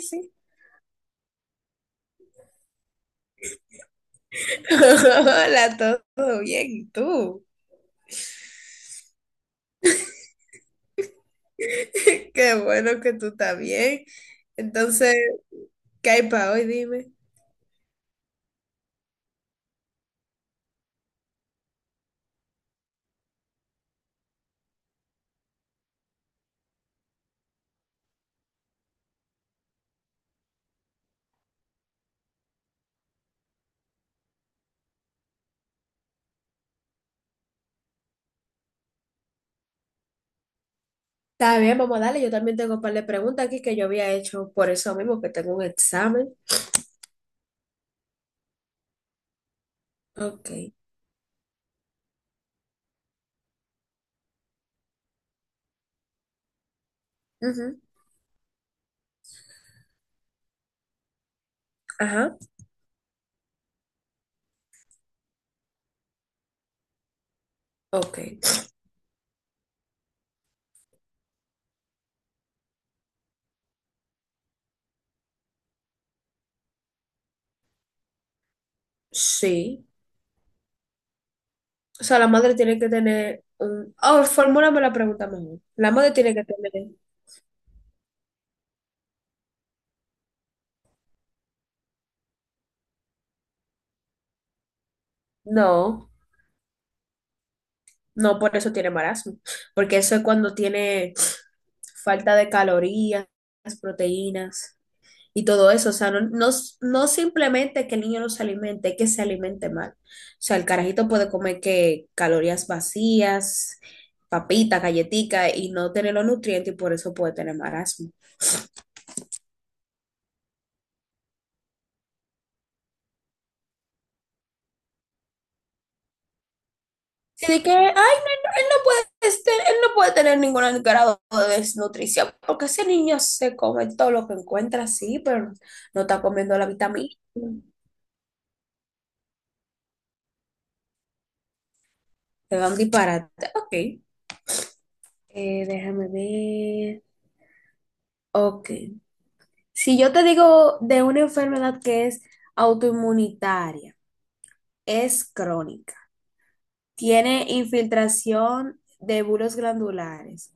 Sí. Hola, todo bien, ¿y tú? Qué bueno que tú estás bien. Entonces, ¿qué hay para hoy? Dime. Está bien, vamos a darle. Yo también tengo un par de preguntas aquí que yo había hecho por eso mismo, que tengo un examen. Ok. Ujú. Ajá. Ok. Sí. O sea, la madre tiene que tener un... Oh, formúlame la pregunta mejor. La madre tiene que tener... No. No por eso tiene marasmo, porque eso es cuando tiene falta de calorías, proteínas y todo eso. O sea, no, no, no simplemente que el niño no se alimente, es que se alimente mal. O sea, el carajito puede comer que calorías vacías, papita, galletica y no tener los nutrientes y por eso puede tener marasmo. Sí, de que, ay, no, no, él no puede, este, él no puede tener ningún grado de desnutrición, porque ese niño se come todo lo que encuentra, sí, pero no está comiendo la vitamina. Te dan disparate. Ok. Déjame ver. Ok. Si yo te digo de una enfermedad que es autoinmunitaria, es crónica, tiene infiltración de bulos glandulares,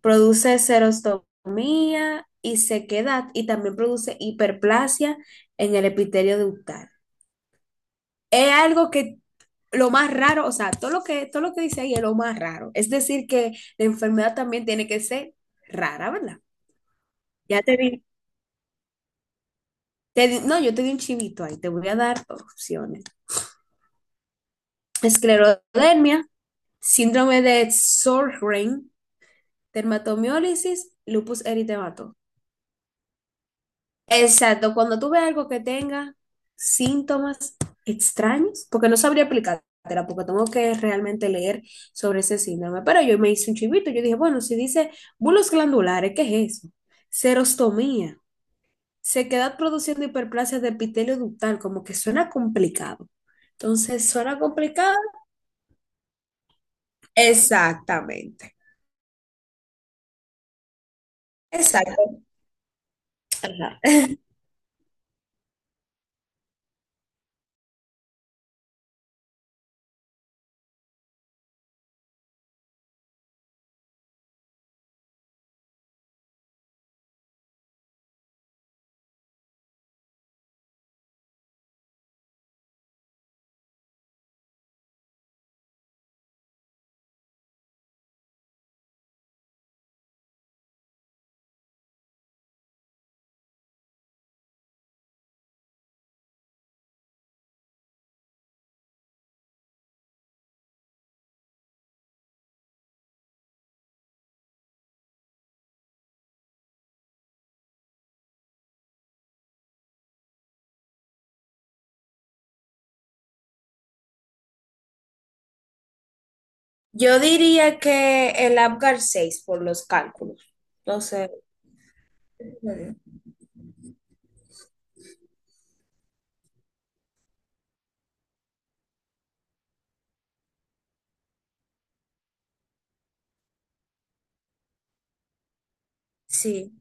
produce serostomía y sequedad y también produce hiperplasia en el epitelio ductal. Es algo que lo más raro, o sea, todo lo que dice ahí es lo más raro. Es decir, que la enfermedad también tiene que ser rara, ¿verdad? Ya te di, no, yo te di un chivito ahí, te voy a dar opciones. Esclerodermia, síndrome de Sjögren, dermatomiólisis, lupus eritematoso. Exacto, cuando tú ves algo que tenga síntomas extraños, porque no sabría aplicártela, porque tengo que realmente leer sobre ese síndrome, pero yo me hice un chivito, yo dije, bueno, si dice bulos glandulares, ¿qué es eso? Serostomía, sequedad produciendo hiperplasia de epitelio ductal, como que suena complicado. Entonces, ¿suena complicado? Exactamente, exacto. Ajá. Yo diría que el Apgar 6 por los cálculos. Entonces, sí.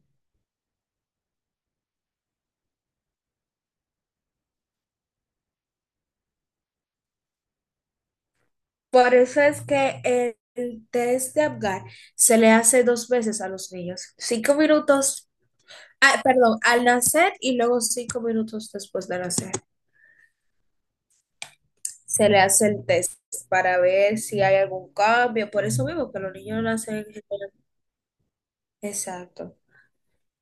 Por eso es que el test de Apgar se le hace dos veces a los niños. Cinco minutos, ah, perdón, al nacer y luego cinco minutos después de nacer. Se le hace el test para ver si hay algún cambio. Por eso mismo que los niños nacen en general. Exacto.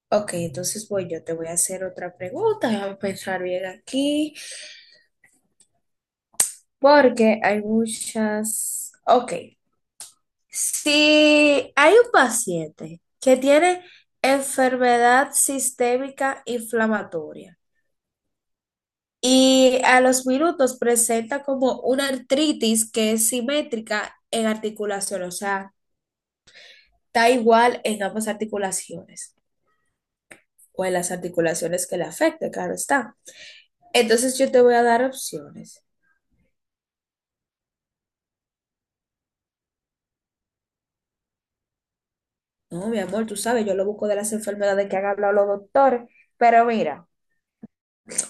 Ok, entonces voy, yo te voy a hacer otra pregunta. Déjame pensar bien aquí, porque hay muchas. Ok. Si hay un paciente que tiene enfermedad sistémica inflamatoria y a los minutos presenta como una artritis que es simétrica en articulación, o sea, está igual en ambas articulaciones o en las articulaciones que le afecte, claro está. Entonces yo te voy a dar opciones. No, mi amor, tú sabes, yo lo busco de las enfermedades que han hablado los doctores, pero mira.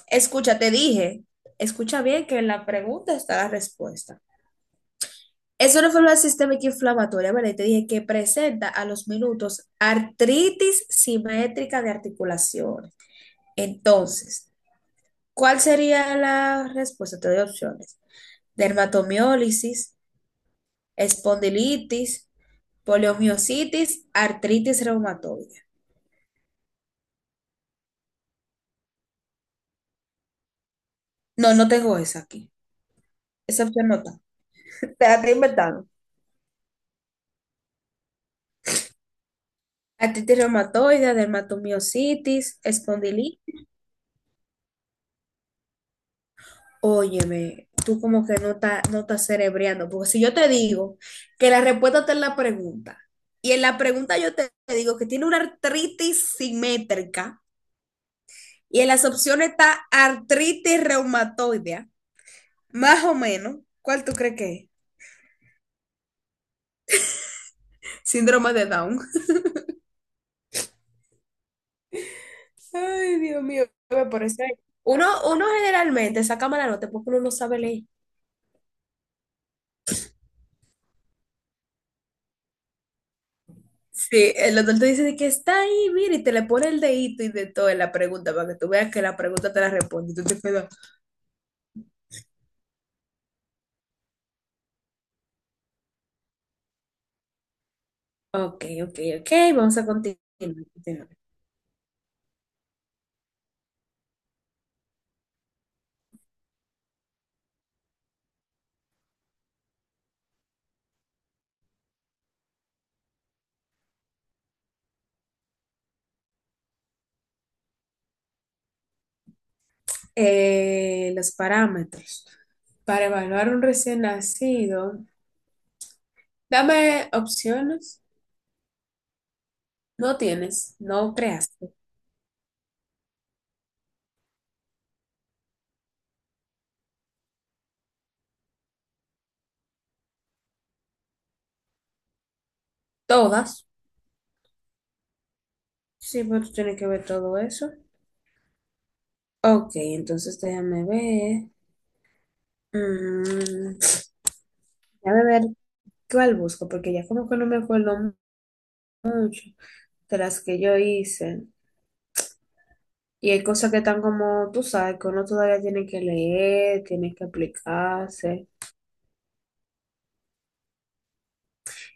Escucha, te dije, escucha bien que en la pregunta está la respuesta. Es una enfermedad sistémica inflamatoria, ¿verdad? Y te dije que presenta a los minutos artritis simétrica de articulaciones. Entonces, ¿cuál sería la respuesta? Te doy opciones. Dermatomiólisis, espondilitis, poliomiositis, artritis reumatoide. No, no tengo esa aquí. Esa opción no está. Te la estoy inventando. Artritis reumatoide, dermatomiositis, espondilitis. Óyeme, tú como que no estás cerebreando, porque si yo te digo que la respuesta está en la pregunta, y en la pregunta yo te digo que tiene una artritis simétrica, y en las opciones está artritis reumatoidea, más o menos, ¿cuál tú crees que es? Síndrome de Down. Ay, Dios mío, me parece. Uno, Uno generalmente saca mala nota porque uno no sabe leer. Sí, el doctor te dice de que está ahí, mira, y te le pone el dedito y de todo en la pregunta para que tú veas que la pregunta te la responde. Y tú te quedas, ok, ok, ok, vamos a continuar. Los parámetros. Para evaluar un recién nacido, dame opciones. No tienes, no creaste. Todas. Sí, pero tú tienes que ver todo eso. Ok, entonces déjame ver. Mm, Déjame ver cuál busco, porque ya como que no me acuerdo mucho. De las que yo hice. Y hay cosas que están como, tú sabes, que uno todavía tiene que leer, tiene que aplicarse.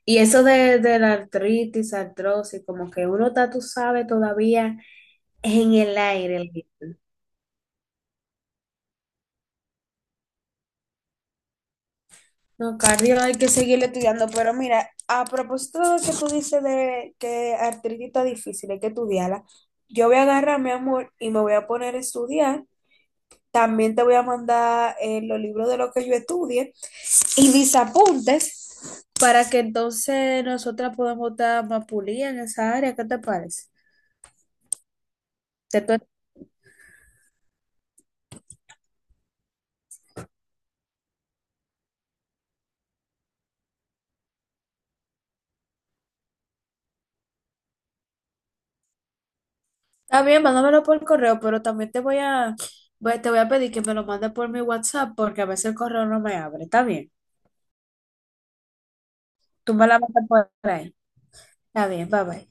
Y eso de la artritis, artrosis, como que uno está, tú sabes, todavía en el aire. No, cardio hay que seguir estudiando, pero mira, a propósito de lo que tú dices de que artritis está difícil, hay que estudiarla, yo voy a agarrar, mi amor, y me voy a poner a estudiar. También te voy a mandar los libros de lo que yo estudie y mis apuntes para que entonces nosotras podamos estar más pulidas en esa área. ¿Qué te parece? Te estoy- Está bien, mándamelo por correo, pero también te voy a, te voy a pedir que me lo mandes por mi WhatsApp porque a veces el correo no me abre. Está bien. Tú me la mandas por ahí. Está bien, bye bye.